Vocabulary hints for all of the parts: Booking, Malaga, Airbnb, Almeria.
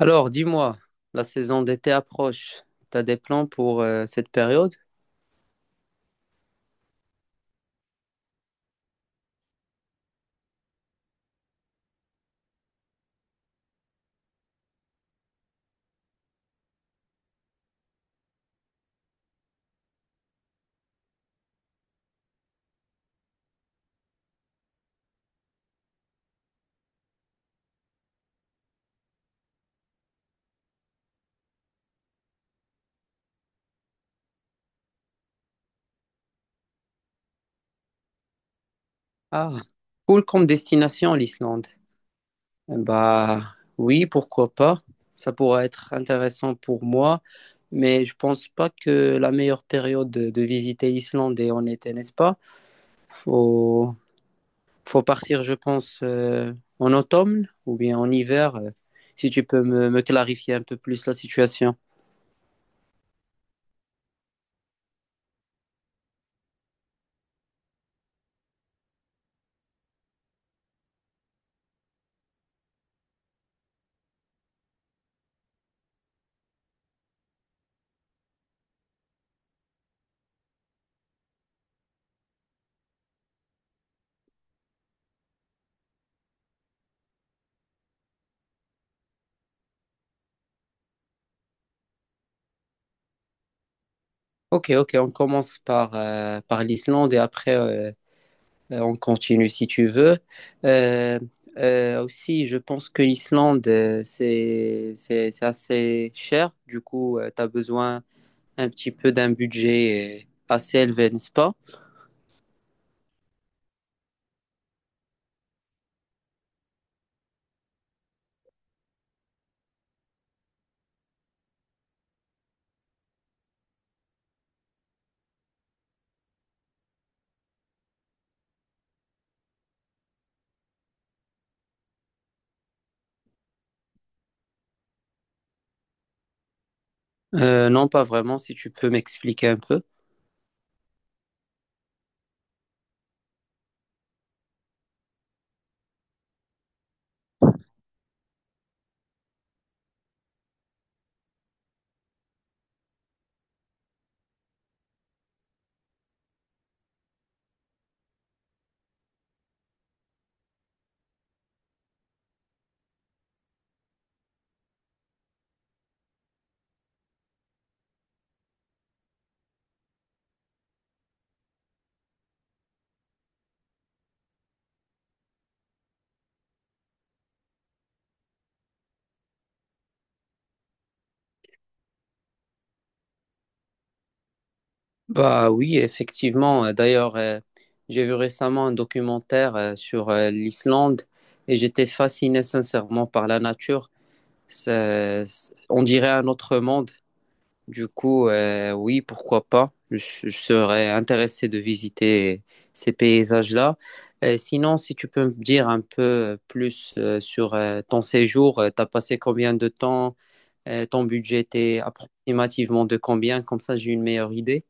Alors, dis-moi, la saison d'été approche. T'as des plans pour cette période? Ah, cool comme destination l'Islande. Eh bah oui, pourquoi pas. Ça pourrait être intéressant pour moi, mais je pense pas que la meilleure période de visiter l'Islande est en été, n'est-ce pas? Faut, faut partir, je pense, en automne ou bien en hiver, si tu peux me clarifier un peu plus la situation. Ok, ok, on commence par, par l'Islande et après. On continue si tu veux. Euh, aussi, je pense que l'Islande, c'est assez cher. Du coup, tu as besoin un petit peu d'un budget assez élevé, n'est-ce pas? Non, pas vraiment, si tu peux m'expliquer un peu. Bah oui, effectivement. D'ailleurs, j'ai vu récemment un documentaire sur l'Islande et j'étais fasciné sincèrement par la nature. Ça- on dirait un autre monde. Du coup, oui, pourquoi pas. Je serais intéressé de visiter ces paysages-là. Sinon, si tu peux me dire un peu plus sur ton séjour, tu as passé combien de temps, ton budget était approximativement de combien, comme ça j'ai une meilleure idée.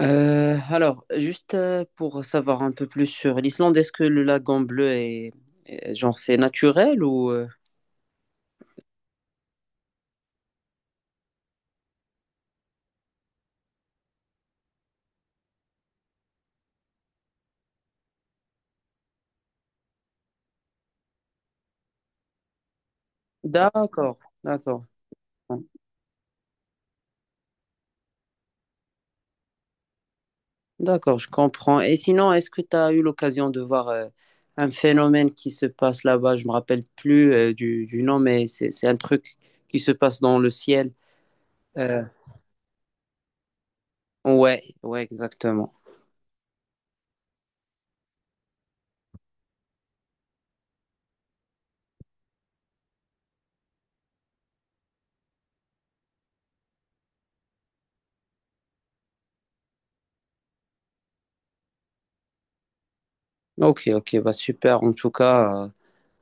Alors, juste pour savoir un peu plus sur l'Islande, est-ce que le lagon bleu est, genre, c'est naturel ou... D'accord, d'accord. D'accord, je comprends. Et sinon, est-ce que tu as eu l'occasion de voir un phénomène qui se passe là-bas? Je me rappelle plus du nom, mais c'est un truc qui se passe dans le ciel. Euh, ouais, ouais, exactement. Ok, ok, bah super. En tout cas,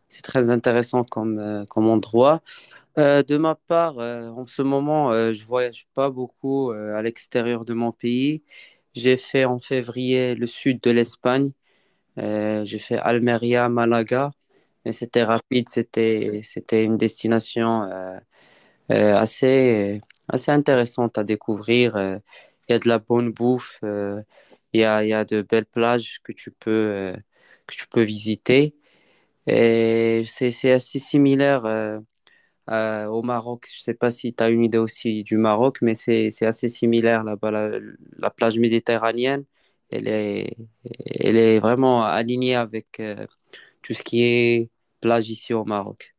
c'est très intéressant comme comme endroit. De ma part, en ce moment, je voyage pas beaucoup à l'extérieur de mon pays. J'ai fait en février le sud de l'Espagne. J'ai fait Almeria, Malaga, mais c'était rapide, c'était une destination assez assez intéressante à découvrir. Il y a de la bonne bouffe, il y a de belles plages que tu peux visiter et c'est assez similaire au Maroc. Je sais pas si tu as une idée aussi du Maroc, mais c'est assez similaire là-bas la plage méditerranéenne. Elle est, elle est vraiment alignée avec, tout ce qui est plage ici au Maroc.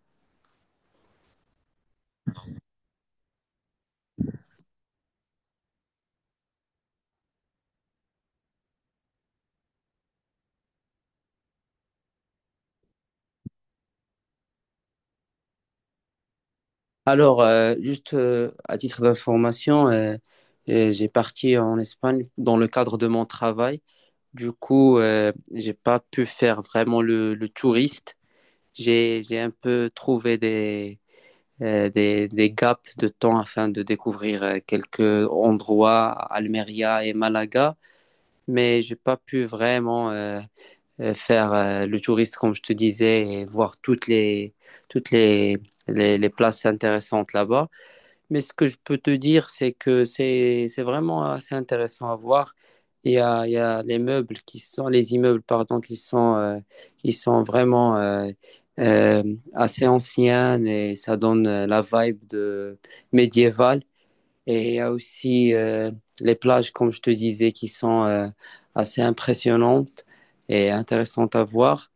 Alors, juste à titre d'information, j'ai parti en Espagne dans le cadre de mon travail. Du coup, j'ai pas pu faire vraiment le touriste. J'ai un peu trouvé des gaps de temps afin de découvrir quelques endroits, Almeria et Malaga, mais j'ai pas pu vraiment faire le touriste, comme je te disais, et voir toutes les, les places intéressantes là-bas. Mais ce que je peux te dire, c'est que c'est vraiment assez intéressant à voir. Il y a les immeubles, pardon, qui sont vraiment euh, assez anciens et ça donne la vibe de médiévale. Et il y a aussi les plages, comme je te disais, qui sont assez impressionnantes et intéressantes à voir.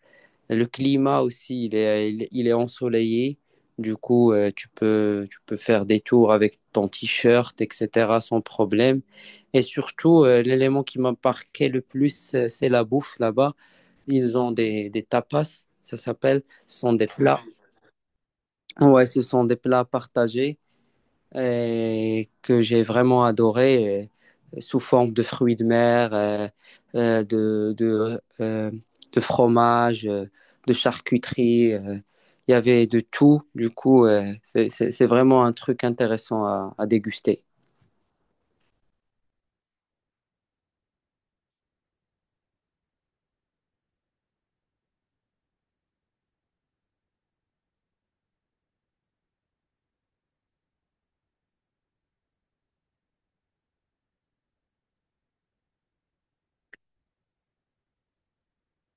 Le climat aussi, il est ensoleillé. Du coup, tu peux faire des tours avec ton t-shirt, etc., sans problème. Et surtout, l'élément qui m'a marqué le plus, c'est la bouffe là-bas. Ils ont des tapas, ça s'appelle. Ce sont des plats. Ouais, ce sont des plats partagés et que j'ai vraiment adoré sous forme de fruits de mer, euh, de, de, euh, de fromage, de charcuterie. Il y avait de tout. Du coup, c'est vraiment un truc intéressant à déguster.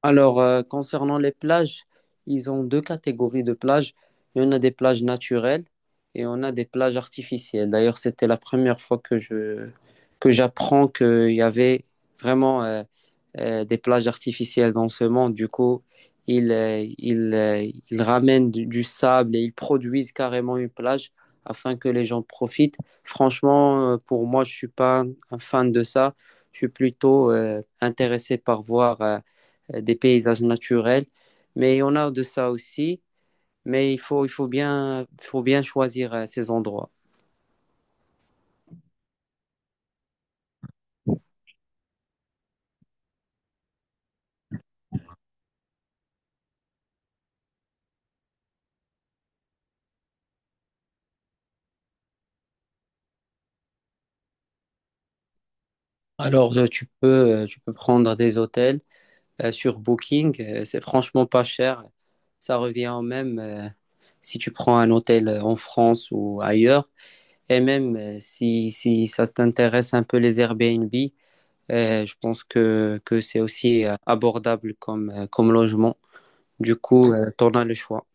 Alors, concernant les plages, ils ont deux catégories de plages. Il y en a des plages naturelles et on a des plages artificielles. D'ailleurs, c'était la première fois que j'apprends qu'il y avait vraiment des plages artificielles dans ce monde. Du coup, ils, euh, ils, euh, ils ramènent du sable et ils produisent carrément une plage afin que les gens profitent. Franchement, pour moi, je suis pas un fan de ça. Je suis plutôt intéressé par voir. Des paysages naturels. Mais on a de ça aussi, mais il faut bien choisir ces endroits. Alors, tu peux prendre des hôtels sur Booking, c'est franchement pas cher. Ça revient au même si tu prends un hôtel en France ou ailleurs. Et même si ça t'intéresse un peu les Airbnb, je pense que c'est aussi abordable comme comme logement. Du coup, tu en as le choix.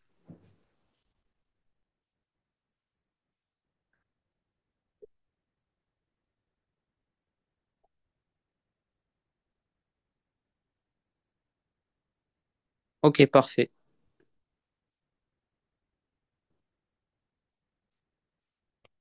Ok, parfait.